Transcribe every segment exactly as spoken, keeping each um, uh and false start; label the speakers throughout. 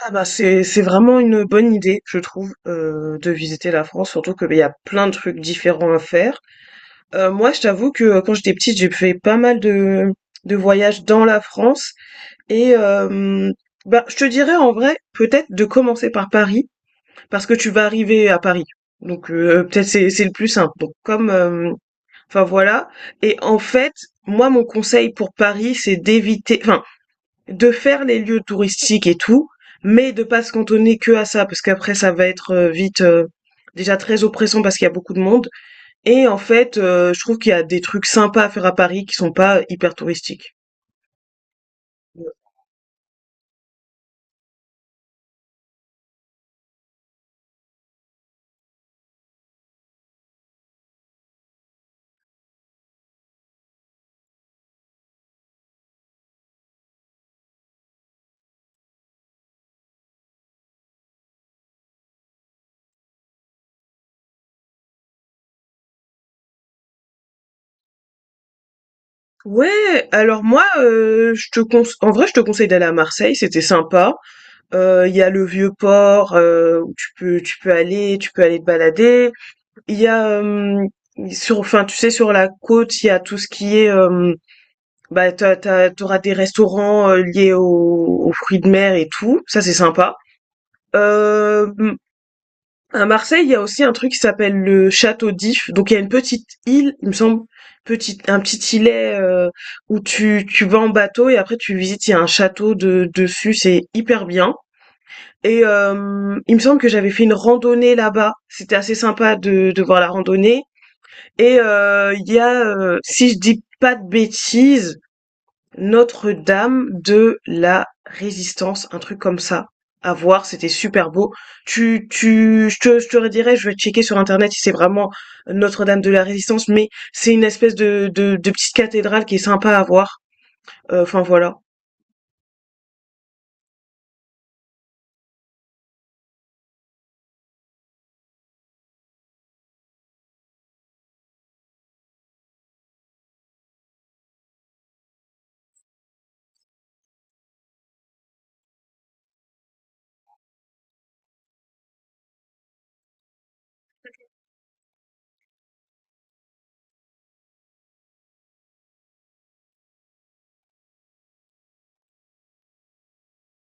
Speaker 1: Ah bah c'est c'est vraiment une bonne idée, je trouve, euh, de visiter la France, surtout que bah, il y a plein de trucs différents à faire. Euh, moi, je t'avoue que euh, quand j'étais petite, j'ai fait pas mal de de voyages dans la France et euh, bah je te dirais en vrai peut-être de commencer par Paris parce que tu vas arriver à Paris. Donc euh, peut-être c'est c'est le plus simple. Donc comme euh, enfin voilà et en fait, moi mon conseil pour Paris, c'est d'éviter, enfin de faire les lieux touristiques et tout, mais de pas se cantonner que à ça, parce qu'après ça va être euh, vite euh, déjà très oppressant parce qu'il y a beaucoup de monde. Et en fait, euh, je trouve qu'il y a des trucs sympas à faire à Paris qui sont pas hyper touristiques. Ouais. Ouais, alors moi, heu, je te conse en vrai, je te conseille d'aller à Marseille, c'était sympa. Heu, il y a le Vieux-Port, heu, où tu peux tu peux aller tu peux aller te balader. Il y a, hem, sur, enfin, tu sais, sur la côte, il y a tout ce qui est, hem, bah, t'as, t'as, t'auras des restaurants, heu, liés aux aux fruits de mer et tout, ça c'est sympa. Hem À Marseille, il y a aussi un truc qui s'appelle le château d'If. Donc il y a une petite île, il me semble, petite, un petit îlet euh, où tu, tu vas en bateau et après tu visites, il y a un château de, dessus, c'est hyper bien. Et euh, il me semble que j'avais fait une randonnée là-bas. C'était assez sympa de, de voir la randonnée. Et euh, il y a, euh, si je dis pas de bêtises, notre-Dame de la Résistance, un truc comme ça. À voir, c'était super beau. Tu, tu, je te, je te redirai, je vais checker sur internet si c'est vraiment Notre-Dame de la Résistance, mais c'est une espèce de, de, de petite cathédrale qui est sympa à voir. Euh, Enfin euh, voilà.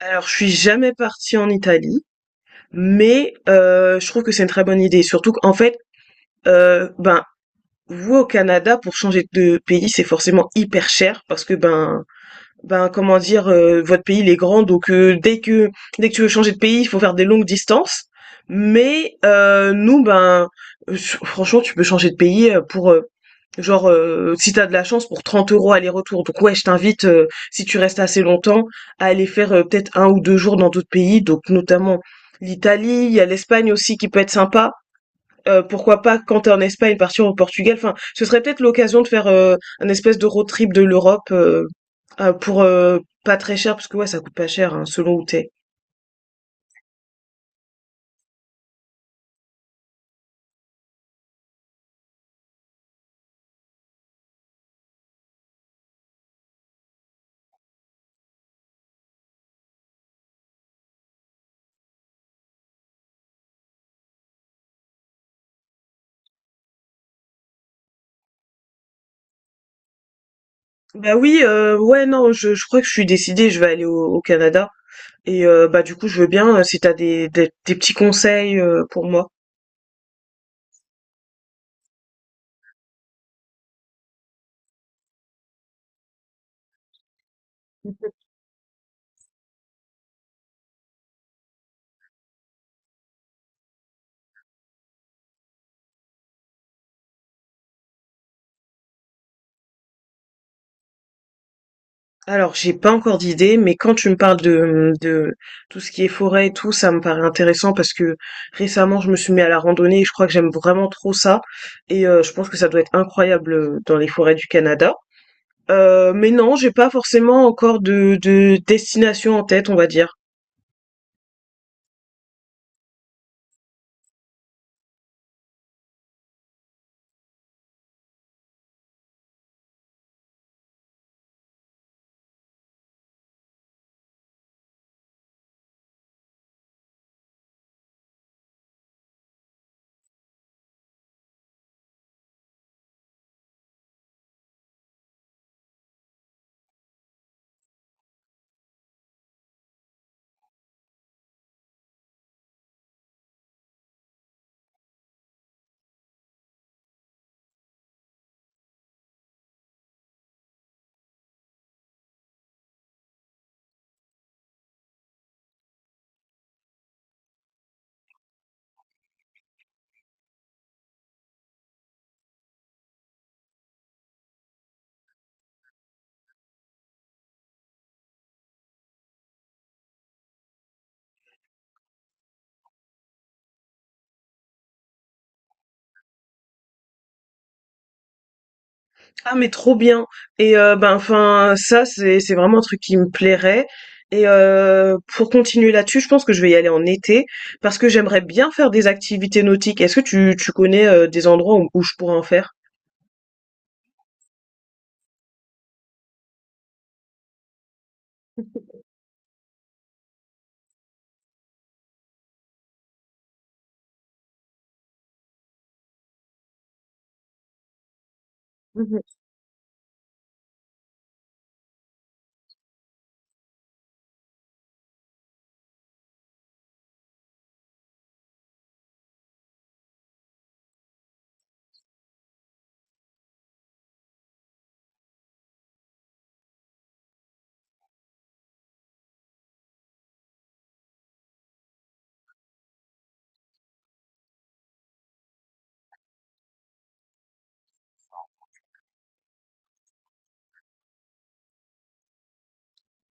Speaker 1: Alors, je suis jamais partie en Italie, mais euh, je trouve que c'est une très bonne idée. Surtout qu'en fait, Heu, ben, vous au Canada pour changer de pays, c'est forcément hyper cher parce que ben ben, comment dire? Heu, votre pays il est grand donc heu, dès que dès que tu veux changer de pays, il faut faire des longues distances. Mais heu, nous ben, heu, franchement tu peux changer de pays, heu, pour, heu, genre, heu, si t'as de la chance pour trente euros aller-retour. Donc ouais, je t'invite, heu, si tu restes assez longtemps, à aller faire, heu, peut-être un ou deux jours dans d'autres pays, donc notamment l'Italie. Il y a l'Espagne aussi qui peut être sympa. Euh, pourquoi pas, quand t'es en Espagne, partir au Portugal. Enfin, ce serait peut-être l'occasion de faire euh, un espèce de road trip de l'Europe euh, euh, pour euh, pas très cher, parce que ouais, ça coûte pas cher hein, selon où t'es. Bah oui, euh, ouais non, je, je crois que je suis décidée, je vais aller au, au Canada et euh, bah du coup je veux bien euh, si t'as des, des des petits conseils euh, pour moi. Alors, j'ai pas encore d'idée, mais quand tu me parles de, de tout ce qui est forêt et tout, ça me paraît intéressant parce que récemment, je me suis mis à la randonnée et je crois que j'aime vraiment trop ça. Et euh, je pense que ça doit être incroyable euh, dans les forêts du Canada. Euh, mais non, j'ai pas forcément encore de, de destination en tête, on va dire. Ah mais trop bien, et heu, ben, enfin, ça c'est c'est vraiment un truc qui me plairait, et heu, pour continuer là-dessus, je pense que je vais y aller en été parce que j'aimerais bien faire des activités nautiques. Est-ce que tu tu connais, heu, des endroits où où je pourrais en faire? Mmh.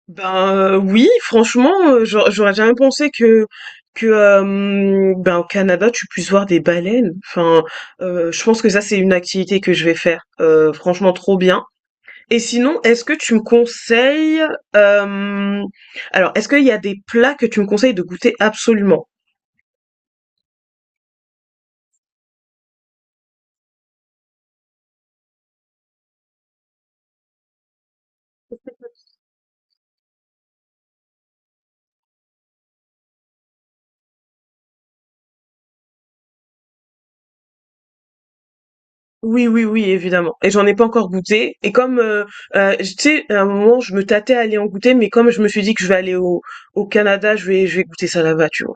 Speaker 1: Ben, heu, oui, franchement, heu, j'au j'aurais jamais pensé que que, hem, ben, au Canada, tu puisses voir des baleines. Enfin, heu, je pense que ça, c'est une activité que je vais faire, heu, franchement trop bien. Et sinon, est-ce que tu me conseilles, hem, alors est-ce qu'il y a des plats que tu me conseilles de goûter absolument? Oui, oui, oui, évidemment. Et j'en ai pas encore goûté. Et comme, heu heu, tu sais, à un moment, je me tâtais à aller en goûter, mais comme je me suis dit que je vais aller au au Canada, je vais je vais goûter ça là-bas, tu vois?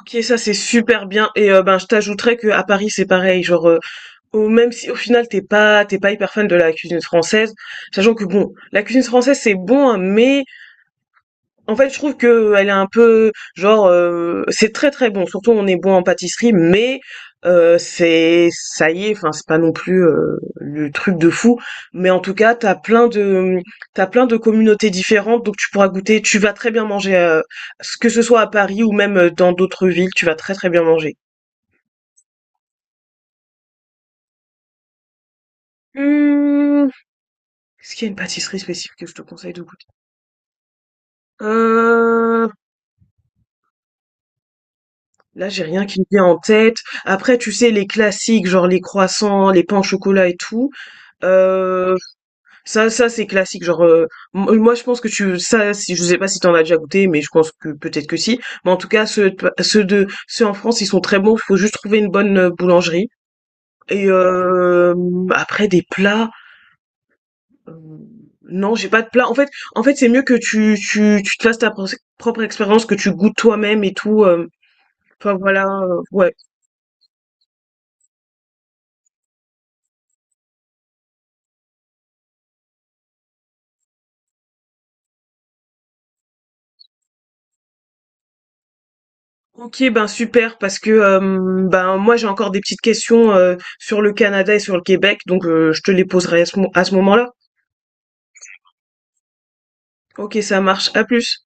Speaker 1: OK, ça c'est super bien, et heu, ben, je t'ajouterais que à Paris, c'est pareil, genre, heu, au même si au final t'es pas t'es pas hyper fan de la cuisine française, sachant que bon, la cuisine française c'est bon, hein, mais en fait, je trouve que elle est un peu genre euh, c'est très très bon. Surtout, on est bon en pâtisserie, mais euh, c'est ça y est. Enfin, c'est pas non plus euh, le truc de fou. Mais en tout cas, t'as plein de t'as plein de communautés différentes, donc tu pourras goûter. Tu vas très bien manger, euh, que ce soit à Paris ou même euh, dans d'autres villes, tu vas très très bien manger. Hum, Est-ce qu'il y a une pâtisserie spécifique que je te conseille de goûter? Euh, Là, j'ai rien qui me vient en tête. Après, tu sais, les classiques, genre les croissants, les pains au chocolat et tout. Euh, ça, ça c'est classique. Genre, euh, m- moi je pense que tu, ça, si je sais pas si t'en as déjà goûté, mais je pense que peut-être que si. Mais en tout cas, ceux, de- ceux de, ceux en France, ils sont très bons. Il faut juste trouver une bonne euh, boulangerie. Et euh, après des plats, euh, non, j'ai pas de plat. En fait, en fait, c'est mieux que tu, tu, tu te fasses ta pro- propre expérience, que tu goûtes toi-même et tout. euh. Enfin voilà, euh, ouais. OK, ben super, parce que, hem, ben, moi j'ai encore des petites questions, heu, sur le Canada et sur le Québec, donc, heu, je te les poserai à ce mo à ce moment-là. OK, ça marche. À plus.